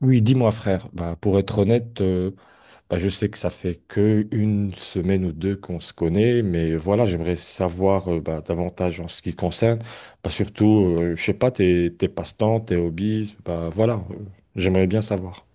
Oui, dis-moi frère, bah, pour être honnête, bah, je sais que ça fait que une semaine ou deux qu'on se connaît, mais voilà, j'aimerais savoir bah, davantage en ce qui concerne, bah, surtout, je sais pas, tes passe-temps, tes hobbies, bah, voilà, j'aimerais bien savoir.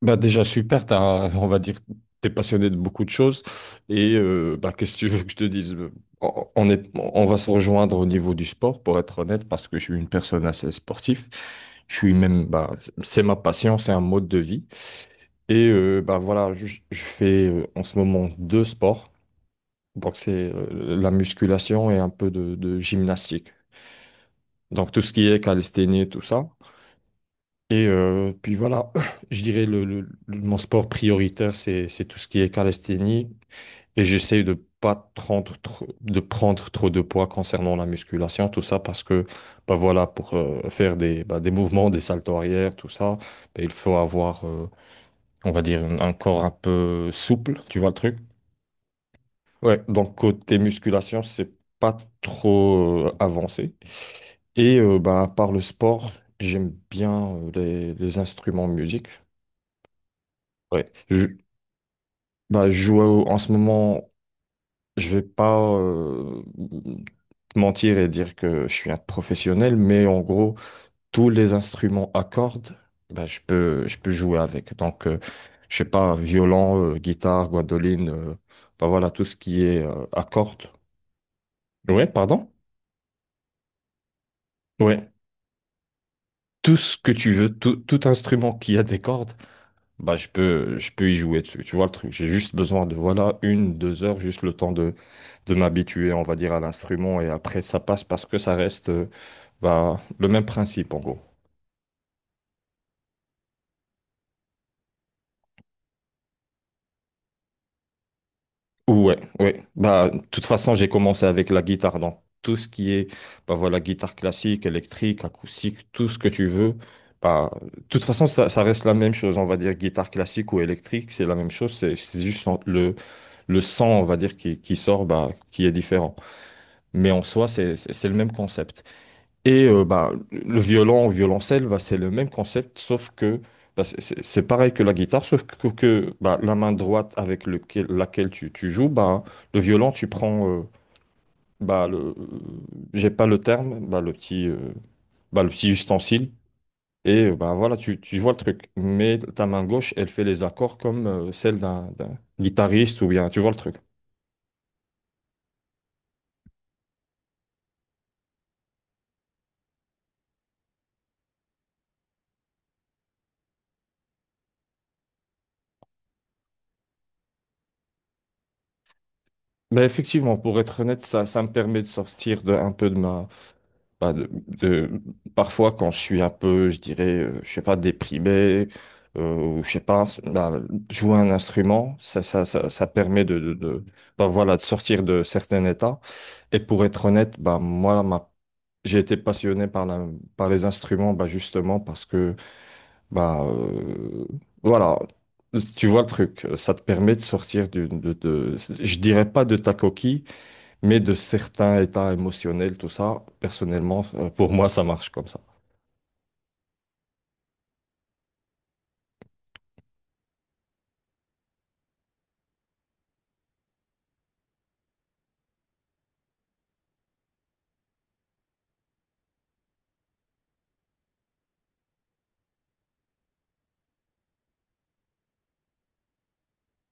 Bah déjà super, on va dire t'es passionné de beaucoup de choses et bah, qu'est-ce que tu veux que je te dise? On est, on va se rejoindre au niveau du sport pour être honnête parce que je suis une personne assez sportive. Je suis même bah c'est ma passion, c'est un mode de vie et bah voilà je fais en ce moment deux sports donc c'est la musculation et un peu de gymnastique donc tout ce qui est calisthénie tout ça. Et puis voilà, je dirais mon sport prioritaire, c'est tout ce qui est calisthénie. Et j'essaye de pas prendre trop, de prendre trop de poids concernant la musculation, tout ça, parce que bah voilà, pour faire des, bah, des mouvements, des saltos arrière, tout ça, bah, il faut avoir, on va dire, un corps un peu souple, tu vois le truc? Ouais, donc côté musculation, c'est pas trop avancé. Et bah, par le sport, j'aime bien les instruments de musique. Ouais. Bah, en ce moment, je vais pas te mentir et dire que je suis un professionnel, mais en gros, tous les instruments à cordes, bah, je peux jouer avec. Donc, je sais pas, violon, guitare, guadoline, bah voilà, tout ce qui est à cordes. Ouais, pardon? Ouais. Tout ce que tu veux, tout instrument qui a des cordes, bah, je peux y jouer dessus. Tu vois le truc? J'ai juste besoin de, voilà, une, deux heures, juste le temps de m'habituer, on va dire, à l'instrument et après ça passe parce que ça reste bah, le même principe en gros. Ouais, ouais. Bah, de toute façon, j'ai commencé avec la guitare, donc tout ce qui est, bah voilà, guitare classique, électrique, acoustique, tout ce que tu veux. Bah, de toute façon, ça reste la même chose, on va dire, guitare classique ou électrique, c'est la même chose, c'est juste le son, on va dire, qui sort, bah, qui est différent. Mais en soi, c'est le même concept. Et bah, le violon, violoncelle, bah, c'est le même concept, sauf que bah, c'est pareil que la guitare, sauf que, bah, la main droite laquelle tu joues, bah, le violon, tu prends bah, j'ai pas le terme, bah, le petit ustensile, et bah, voilà, tu vois le truc. Mais ta main gauche, elle fait les accords comme celle d'un guitariste, ou bien, tu vois le truc. Bah, effectivement, pour être honnête, ça me permet de sortir de, un peu de ma Bah, parfois, quand je suis un peu, je dirais, je sais pas, déprimé, ou je sais pas, bah, jouer un instrument, ça permet bah, voilà, de sortir de certains états. Et pour être honnête, bah, moi, j'ai été passionné par par les instruments, bah, justement, parce que, bah, voilà, tu vois le truc, ça te permet de sortir de, je dirais pas de ta coquille, mais de certains états émotionnels, tout ça, personnellement, pour moi, ça marche comme ça.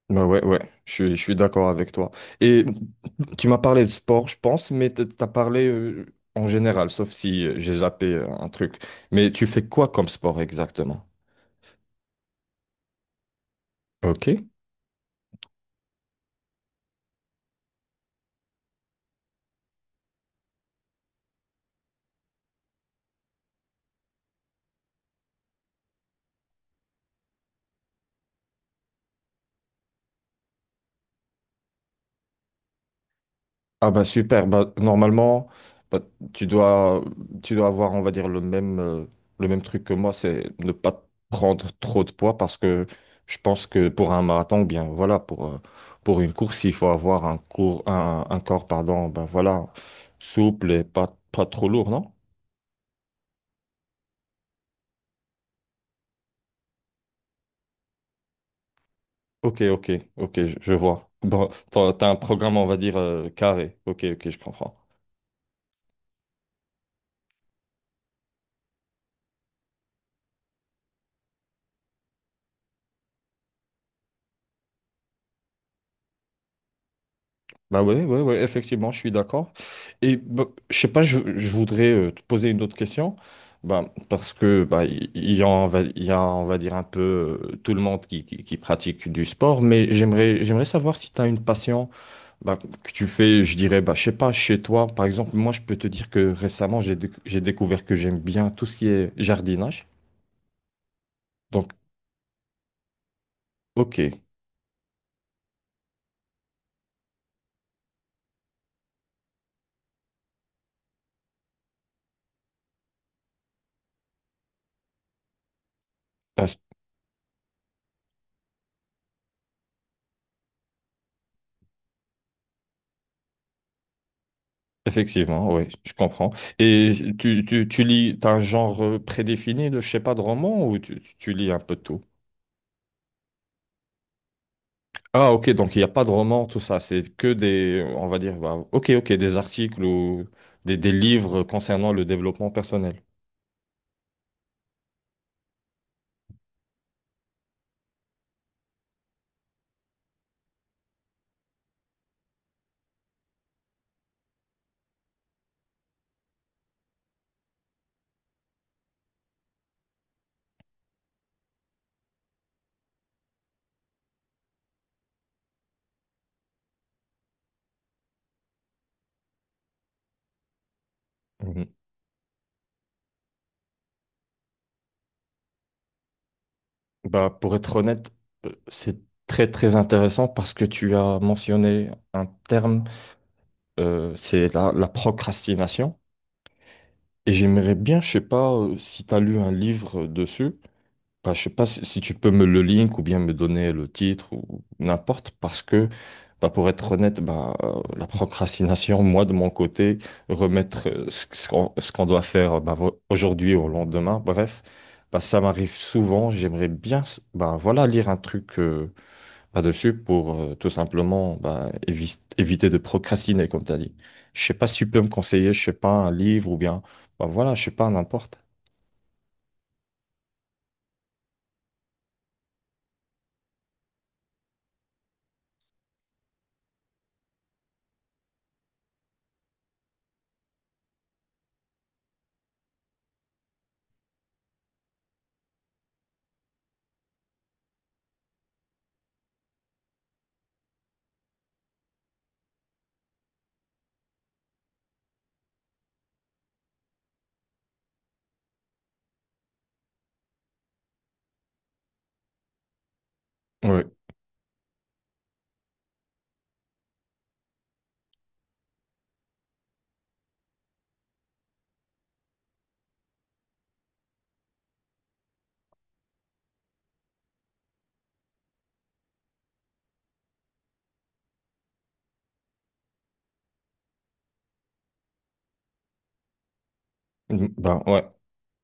Bah ouais, ouais, je suis d'accord avec toi. Et tu m'as parlé de sport, je pense, mais t'as parlé en général, sauf si j'ai zappé un truc. Mais tu fais quoi comme sport exactement? Ok. Ah bah super, bah, normalement bah, tu dois tu dois avoir on va dire le même truc que moi, c'est ne pas prendre trop de poids parce que je pense que pour un marathon ou bien voilà pour une course, il faut avoir un cours un corps pardon, bah voilà, souple et pas pas trop lourd, non? OK, OK, OK, je vois. Bon, t'as un programme on va dire carré. OK, OK, je comprends. Bah ouais, ouais, ouais, effectivement, je suis d'accord. Et bah, je sais pas, je voudrais te poser une autre question, bah, parce que bah, il y a, on va dire un peu tout le monde qui pratique du sport, mais j'aimerais savoir si tu as une passion bah, que tu fais, je dirais, bah, je sais pas, chez toi. Par exemple, moi, je peux te dire que récemment, j'ai découvert que j'aime bien tout ce qui est jardinage. Donc, ok. Bah, effectivement, oui, je comprends. Et tu lis, t'as un genre prédéfini de, je sais pas, de roman ou tu lis un peu de tout? Ah, ok, donc il n'y a pas de roman, tout ça, c'est que des, on va dire, bah, ok, des articles ou des livres concernant le développement personnel. Mhm. Bah, pour être honnête, c'est très intéressant parce que tu as mentionné un terme, c'est la procrastination. Et j'aimerais bien, je sais pas, si tu as lu un livre dessus. Bah, je sais pas si, si tu peux me le link ou bien me donner le titre ou n'importe, parce que bah, pour être honnête, bah, la procrastination, moi de mon côté, remettre ce qu'on doit faire bah, aujourd'hui au lendemain, bref, bah, ça m'arrive souvent. Bah, voilà, lire un truc là-dessus pour tout simplement bah, éviter de procrastiner, comme tu as dit. Je sais pas si tu peux me conseiller, je sais pas, un livre ou bien, bah, voilà, je sais pas, n'importe. Ouais. Mm, ben ouais.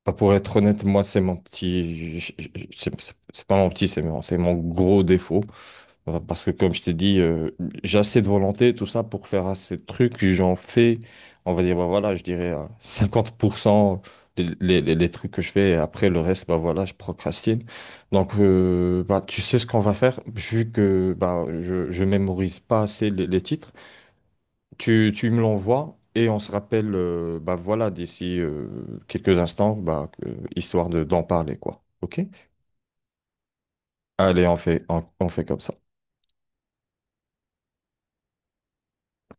Enfin, pour être honnête, moi, c'est mon petit. C'est c'est pas mon petit, c'est c'est mon gros défaut. Parce que, comme je t'ai dit, j'ai assez de volonté, tout ça, pour faire assez de trucs. J'en fais, on va dire, bah voilà, je dirais à 50% les trucs que je fais. Et après, le reste, bah voilà, je procrastine. Donc, bah, tu sais ce qu'on va faire. Vu que bah, je mémorise pas assez les titres, tu me l'envoies et on se rappelle, bah voilà, d'ici quelques instants, bah, histoire de, d'en parler, quoi. OK? Allez, on fait, on fait comme ça.